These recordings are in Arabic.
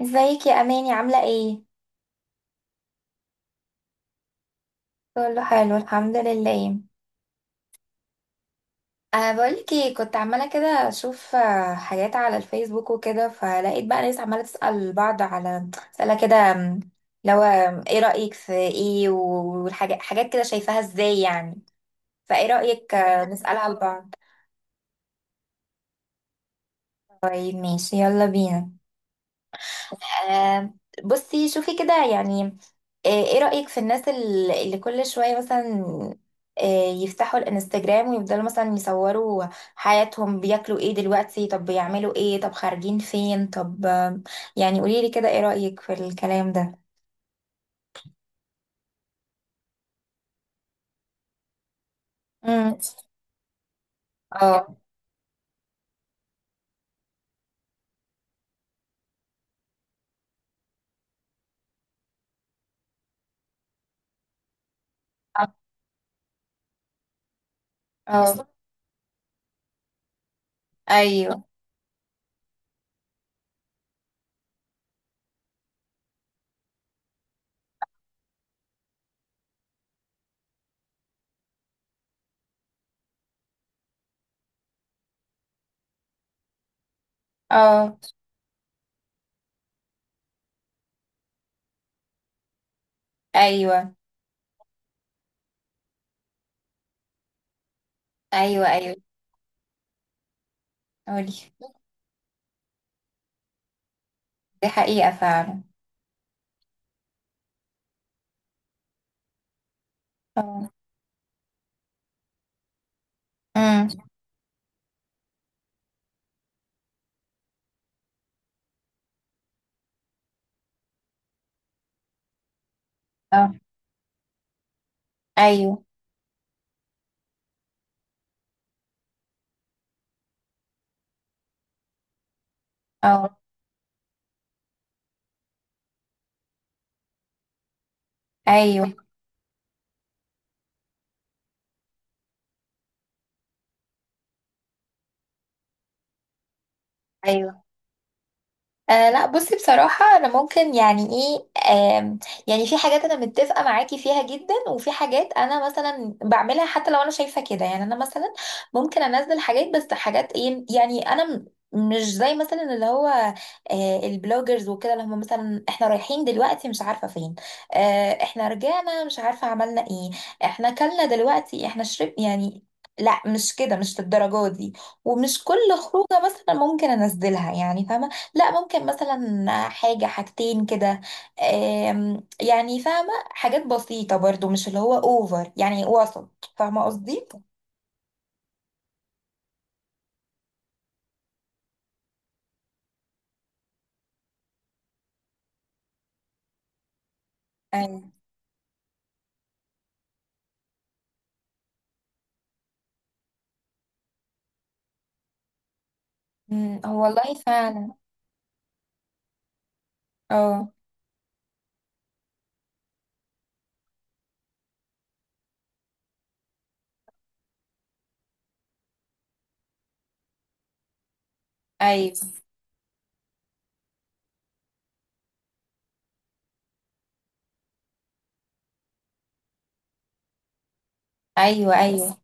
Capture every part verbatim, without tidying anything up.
ازيك يا اماني، عامله ايه؟ كله حلو الحمد لله. أه، بقولك ايه، كنت عماله كده اشوف آه، حاجات على الفيسبوك وكده، فلقيت بقى ناس عماله تسال بعض على اسئله كده م، لو آم، ايه رايك في ايه، والحاجات حاجات كده، شايفاها ازاي يعني؟ فايه رايك آه، نسالها لبعض. طيب ماشي، يلا بينا. آم، بصي شوفي كده يعني. آه، ايه رأيك في الناس ال- اللي كل شوية مثلا آه، يفتحوا الانستجرام، ويفضلوا مثلا يصوروا حياتهم؟ بياكلوا ايه دلوقتي؟ طب بيعملوا ايه؟ طب خارجين فين؟ طب آم، يعني قوليلي كده، ايه رأيك في الكلام ده؟ امم. اه. اه، ايوه. اه، ايوه، ايوه، ايوه. قولي. دي حقيقة فعلا. اه. امم. اه، ايوه. اه، ايوه، ايوه. آه لا، بصي بصراحة، أنا ممكن يعني إيه، آم، يعني في حاجات أنا متفقة معاكي فيها جدا، وفي حاجات أنا مثلا بعملها حتى لو أنا شايفة كده. يعني أنا مثلا ممكن أنزل حاجات، بس حاجات إيه يعني. أنا م- مش زي مثلا اللي هو آه البلوجرز وكده، اللي هم مثلا إحنا رايحين دلوقتي مش عارفة فين، آه إحنا رجعنا مش عارفة عملنا إيه، إحنا أكلنا دلوقتي إحنا شرب يعني. لا مش كده، مش للدرجة دي. ومش كل خروجة مثلا ممكن أنزلها، يعني فاهمة. لا، ممكن مثلا حاجة حاجتين كده، آم، يعني فاهمة، حاجات بسيطة برضو، مش اللي هو اوفر، يعني وسط، فاهمة قصدي؟ ايوه. أمم، هو والله فعلا. اه، ايوه، ايوه. ايوه،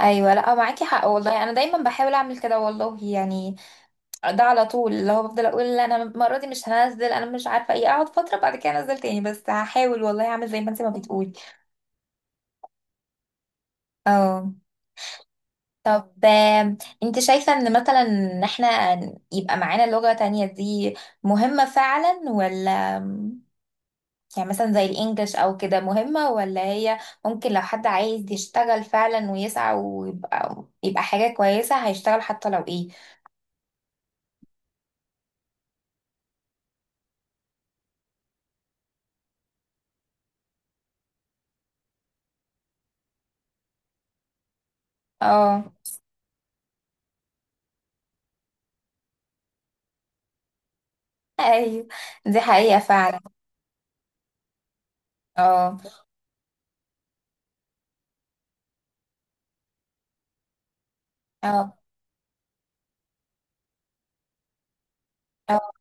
ايوه. لا معاكي حق والله، انا دايما بحاول اعمل كده والله يعني. ده على طول اللي هو بفضل اقول لا، انا المرة دي مش هنزل، انا مش عارفة ايه، اقعد فترة بعد كده انزل تاني. بس هحاول والله اعمل زي ما انت ما بتقولي. اه. طب آم، انت شايفة ان مثلا ان احنا يبقى معانا لغة تانية دي مهمة فعلا ولا؟ يعني مثلا زي الانجليش او كده، مهمة، ولا هي ممكن لو حد عايز يشتغل فعلا ويسعى ويبقى يبقى حاجة كويسة هيشتغل حتى لو ايه. اه، ايوه، دي حقيقة فعلا. اه. اه. اه.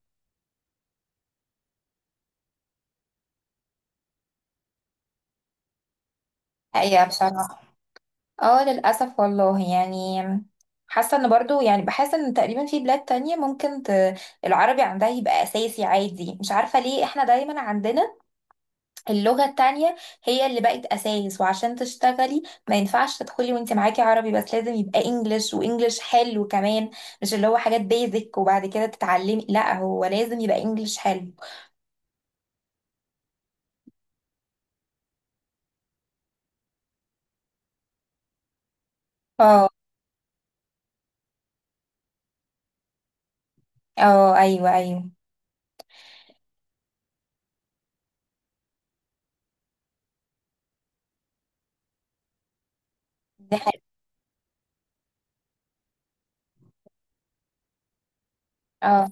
حقيقة بصراحة. اه للأسف والله يعني. حاسة ان برضو، يعني بحس ان تقريبا في بلاد تانية ممكن ت... العربي عندها يبقى أساسي عادي. مش عارفة ليه احنا دايما عندنا اللغة التانية هي اللي بقت أساس، وعشان تشتغلي ما ينفعش تدخلي وانت معاكي عربي بس، لازم يبقى انجلش، وانجلش حلو كمان. مش اللي هو حاجات بيزك وبعد كده تتعلمي، لا هو لازم يبقى انجلش حلو. اه. اه، ايوه، ايوه، دي حقيقة. اه.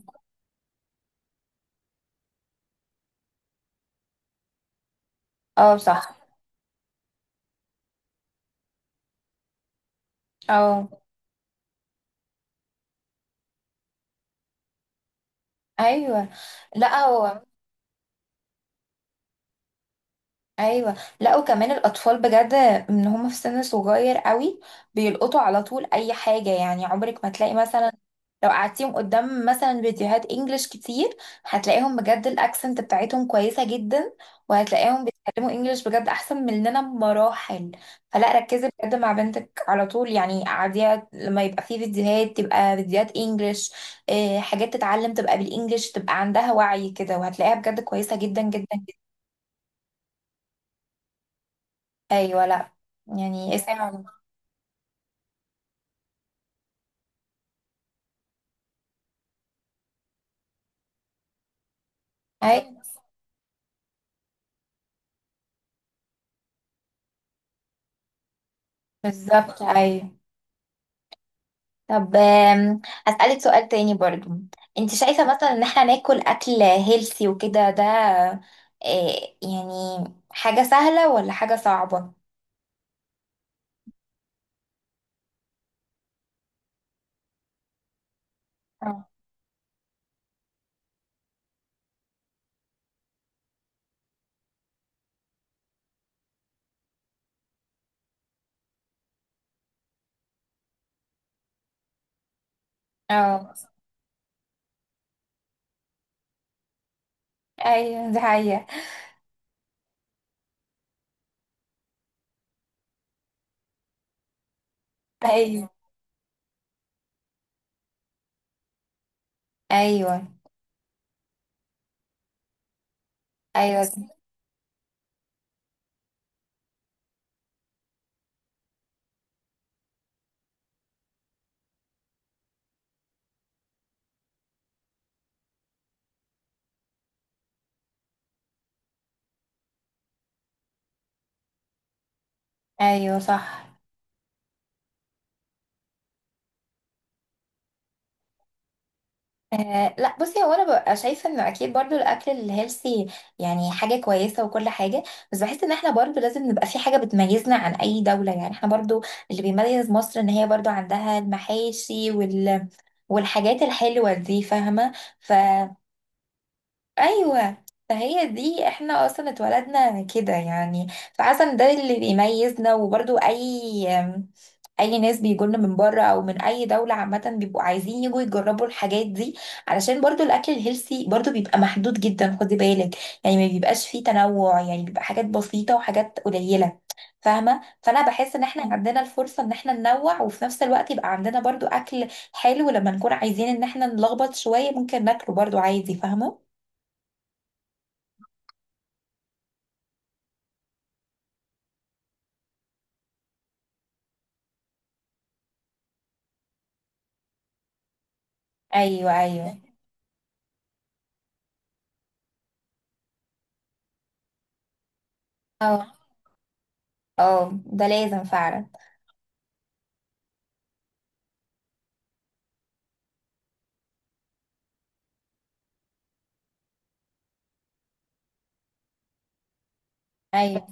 اه، صح. اه، ايوه، لا هو. ايوه لا، وكمان الاطفال بجد ان هم في سن صغير قوي بيلقطوا على طول اي حاجه. يعني عمرك ما تلاقي مثلا لو قعدتيهم قدام مثلا فيديوهات انجلش كتير، هتلاقيهم بجد الاكسنت بتاعتهم كويسه جدا، وهتلاقيهم بيتكلموا انجلش بجد احسن مننا بمراحل. فلا، ركزي بجد مع بنتك على طول، يعني قعديها لما يبقى في فيديوهات تبقى فيديوهات انجلش، حاجات تتعلم تبقى بالانجلش، تبقى عندها وعي كده، وهتلاقيها بجد كويسه جدا جدا. ايوه لا. يعني اسأل عن- اي. بالظبط ايوه. طب آم، هسألك سؤال تاني برضو. انت شايفة مثلا ان احنا ناكل اكل هيلثي وكده، ده آه، يعني حاجة سهلة ولا حاجة صعبة؟ اه. اه، ايوه، دي حقيقة. ايوه، ايوه. ايوه، ايوه، صح. آه لا، بصي، هو انا ببقى شايفه انه اكيد برضو الاكل الهيلثي يعني حاجه كويسه وكل حاجه. بس بحس ان احنا برضو لازم نبقى في حاجه بتميزنا عن اي دوله، يعني احنا برضو اللي بيميز مصر ان هي برضو عندها المحاشي وال والحاجات الحلوه دي، فاهمه. ف... ايوه فهي دي، احنا اصلا اتولدنا كده يعني. فحاسه ان ده اللي بيميزنا، وبرضو اي اي ناس بيجولنا من بره او من اي دوله عامه بيبقوا عايزين يجوا يجربوا الحاجات دي. علشان برضو الاكل الهيلثي برضو بيبقى محدود جدا، خدي بالك. يعني ما بيبقاش فيه تنوع، يعني بيبقى حاجات بسيطه وحاجات قليله، فاهمه. فانا بحس ان احنا عندنا الفرصه ان احنا ننوع، وفي نفس الوقت يبقى عندنا برضو اكل حلو لما نكون عايزين ان احنا نلخبط شويه ممكن ناكله برضو عادي، فاهمه. ايوه، ايوه. اه. اه، ده لازم فعلا. ايوه.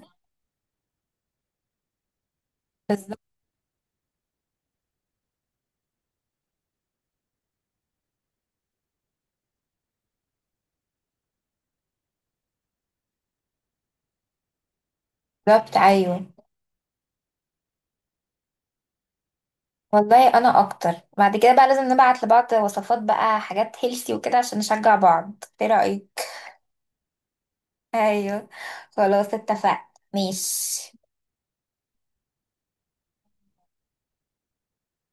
بالظبط ايوه. والله انا اكتر بعد كده بقى لازم نبعت لبعض وصفات بقى، حاجات هيلثي وكده عشان نشجع بعض، ايه رأيك؟ ايوه، خلاص اتفقنا. ماشي.